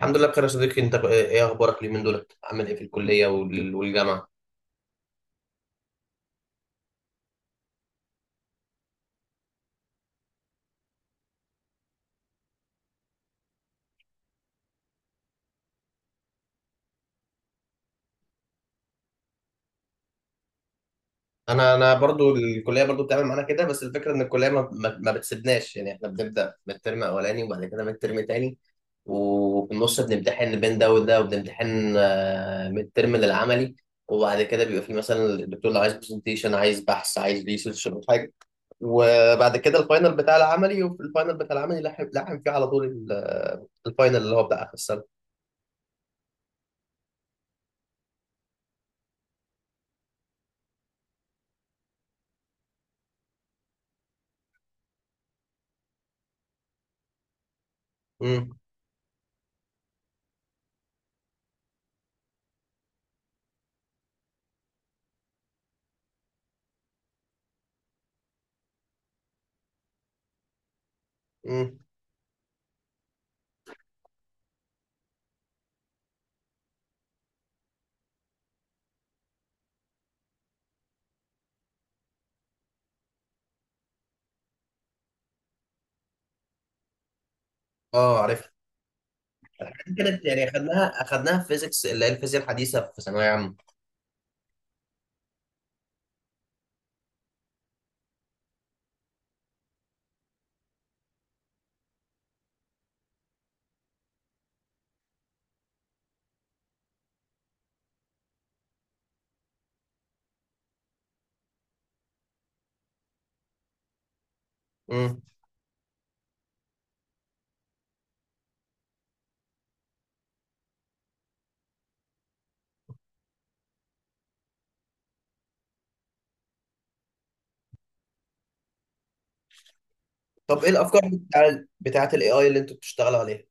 الحمد لله بخير يا صديقي، انت ايه اخبارك اليومين دول؟ عامل ايه في الكليه والجامعه؟ انا برضو الكليه برضو بتعمل معانا كده، بس الفكره ان الكليه ما بتسيبناش، يعني احنا بنبدا من الترم اولاني وبعد كده من الترم تاني، وفي النص بنمتحن بين ده وده، وبنمتحن من الترم للعملي. وبعد كده بيبقى في مثلا الدكتور لو عايز برزنتيشن، عايز بحث، عايز ريسيرش او حاجه. وبعد كده الفاينل بتاع العملي، وفي الفاينل بتاع العملي لحم لحم فيه على طول الفاينل اللي هو بتاع اخر السنه. امم. امم. اه عارف. كانت يعني اخدناها في فيزيكس، اللي هي الفيزياء الحديثه في ثانويه عامه. امم. طب ايه الافكار بتاعه الاي اي اللي انتوا بتشتغلوا عليها؟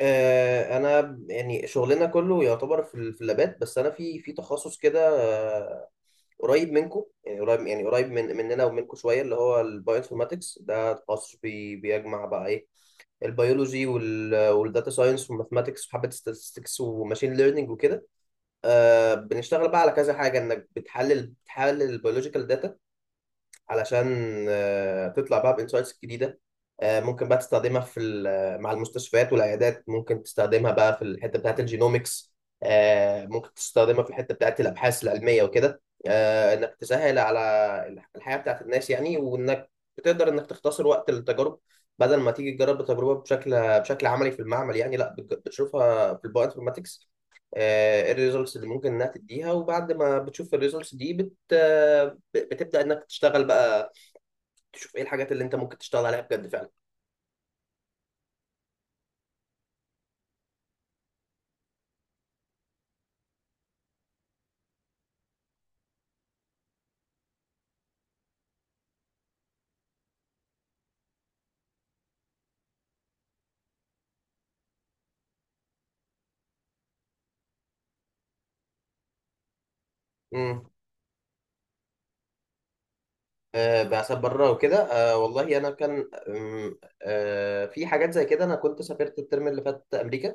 آه انا يعني شغلنا كله يعتبر في في اللابات، بس انا في تخصص كده، آه، قريب منكم، يعني قريب، يعني قريب من مننا ومنكم شويه، اللي هو البايوانفورماتكس. ده تخصص بيجمع بقى ايه؟ البيولوجي والداتا ساينس والماثماتكس وحبه statistics وماشين ليرنينج وكده. آه بنشتغل بقى على كذا حاجه، انك بتحلل البيولوجيكال داتا علشان تطلع بقى بانسايتس جديده. ممكن بقى تستخدمها في مع المستشفيات والعيادات، ممكن تستخدمها بقى في الحته بتاعت الجينومكس. ممكن تستخدمها في الحته بتاعت الابحاث العلميه وكده، انك تسهل على الحياه بتاعت الناس يعني، وانك بتقدر انك تختصر وقت التجارب، بدل ما تيجي تجرب التجربه بشكل عملي في المعمل، يعني لا، بتشوفها في البايو انفورماتكس الريزلتس اللي ممكن انها تديها. وبعد ما بتشوف الريزلتس دي بتبدا انك تشتغل بقى، تشوف ايه الحاجات اللي انت ممكن تشتغل عليها بجد فعلا. امم. آه بعثات بره وكده. آه والله انا كان آه في حاجات زي كده، انا كنت سافرت الترم اللي فات امريكا.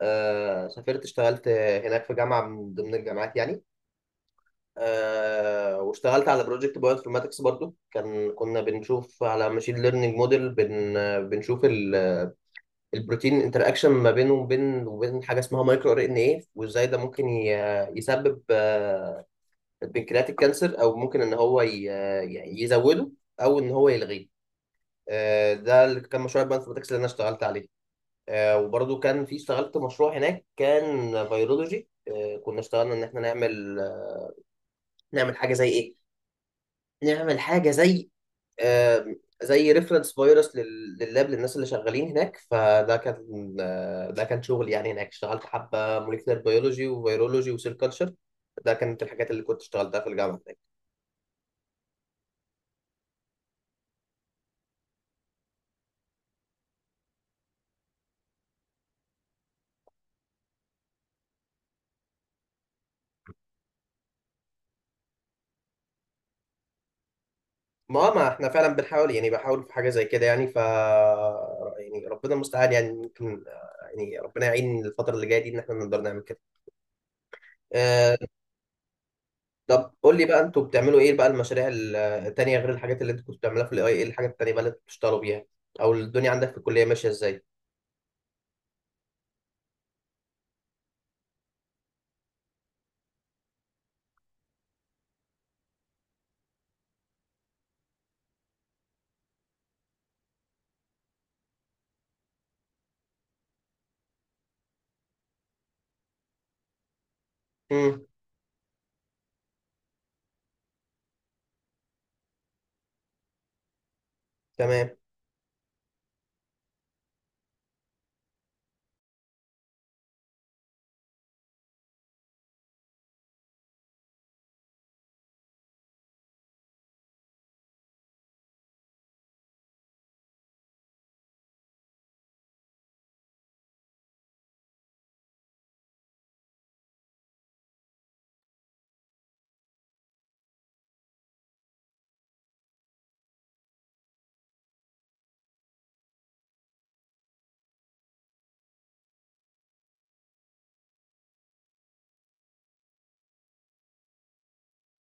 آه سافرت، اشتغلت هناك في جامعه من ضمن الجامعات يعني. آه واشتغلت على بروجكت بايو انفورماتكس برضو، كان كنا بنشوف على ماشين ليرنينج موديل، بنشوف البروتين انتراكشن ما بينه وبين حاجه اسمها مايكرو ار ان ايه، وازاي ده ممكن يسبب البنكرياتيك كانسر، او ممكن ان هو يعني يزوده او ان هو يلغيه. ده اللي كان مشروع البانثروماتكس اللي انا اشتغلت عليه. وبرضو كان في اشتغلت مشروع هناك كان بيولوجي، كنا اشتغلنا ان احنا نعمل، نعمل حاجه زي ايه حاجه زي آه، زي ريفرنس فيروس لللاب للناس اللي شغالين هناك. فده كان ده كان شغل يعني هناك، اشتغلت حبه موليكولر بيولوجي وفيرولوجي وسيل كلتشر. ده كانت الحاجات اللي كنت اشتغلتها في الجامعه. ما احنا فعلا بنحاول، يعني بحاول في حاجه زي كده يعني، ف يعني ربنا المستعان، يعني ممكن يعني ربنا يعين الفتره اللي جايه دي ان احنا نقدر نعمل كده. آه. طب قول لي بقى، انتوا بتعملوا ايه بقى المشاريع التانيه، غير الحاجات اللي انتوا كنتوا بتعملوها في الاي ايه؟ الحاجات التانيه بقى اللي انتوا بتشتغلوا بيها، او الدنيا عندك في الكليه ماشيه ازاي؟ امم. تمام.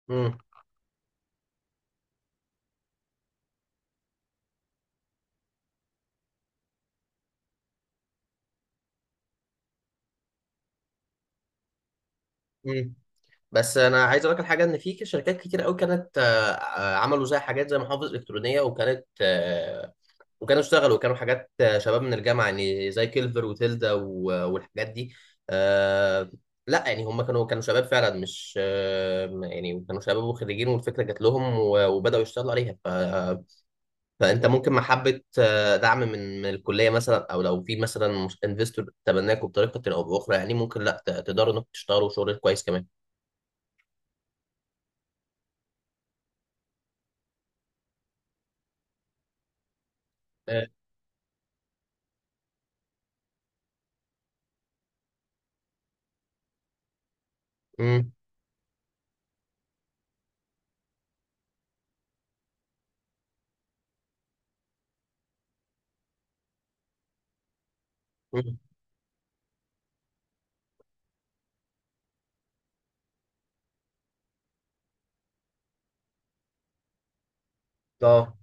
امم. امم. بس انا عايز اقول لك الحاجه، ان في شركات كتير قوي كانت عملوا زي حاجات زي محافظ الكترونيه، وكانت وكانوا اشتغلوا، كانوا حاجات شباب من الجامعه يعني، زي كيلفر وتيلدا والحاجات دي. آه لا يعني هم كانوا شباب فعلا مش آه، يعني كانوا شباب وخريجين، والفكره جات لهم وبداوا يشتغلوا عليها. ف فانت ممكن محبه دعم من من الكليه مثلا، او لو في مثلا انفستور تبناكوا بطريقه او باخرى، يعني ممكن لا تقدروا انكم تشتغلوا شغل كويس كمان. آه. امم. امم. اه.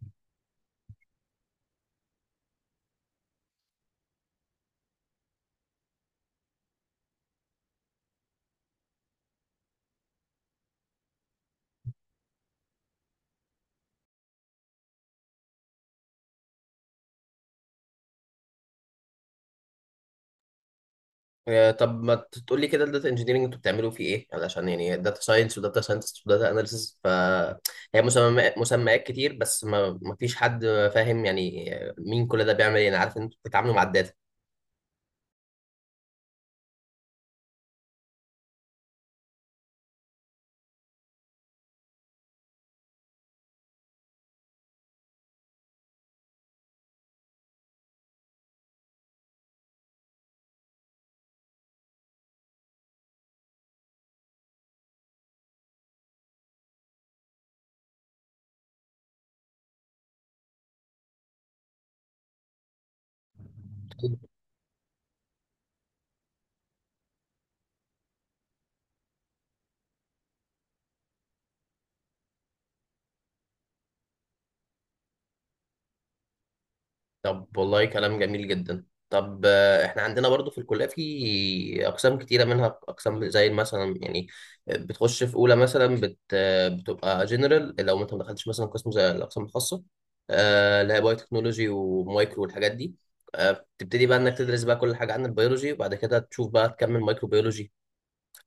طب ما تقول لي كده، الداتا انجينيرنج انتوا بتعملوا فيه ايه؟ علشان يعني داتا ساينس وداتا ساينتست وداتا اناليسيس، ف هي مسميات كتير بس ما فيش حد فاهم يعني مين كل ده بيعمل ايه. انا عارف ان انتوا بتتعاملوا مع الداتا. طب والله كلام جميل جدا. طب احنا عندنا برضو في الكلية في أقسام كتيرة، منها أقسام زي مثلا يعني بتخش في أولى مثلا بت آه، بتبقى جنرال لو أنت ما دخلتش مثلا قسم زي الأقسام الخاصة، اللي هي بايو تكنولوجي ومايكرو والحاجات دي. بتبتدي بقى إنك تدرس بقى كل حاجة عن البيولوجي، وبعد كده تشوف بقى تكمل مايكرو بيولوجي،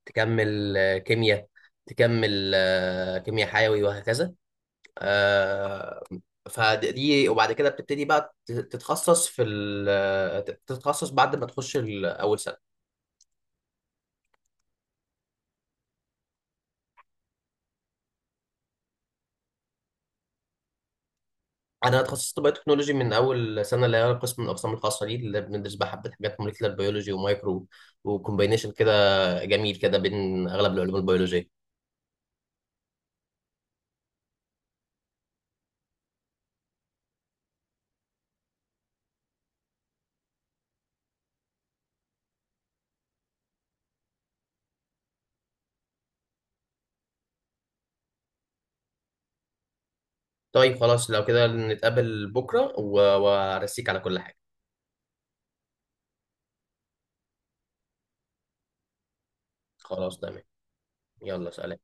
تكمل كيمياء، تكمل كيمياء حيوي، وهكذا. آه، فدي. وبعد كده بتبتدي بقى تتخصص في تتخصص بعد ما تخش اول سنه. انا اتخصصت بايو تكنولوجي من اول سنه، اللي هي قسم من الاقسام الخاصه دي، اللي بندرس بقى حبه حاجات موليكيولر بيولوجي ومايكرو، وكومبينيشن كده جميل كده بين اغلب العلوم البيولوجيه. طيب خلاص، لو كده نتقابل بكره وارسيك على كل حاجه. خلاص تمام. يلا سلام.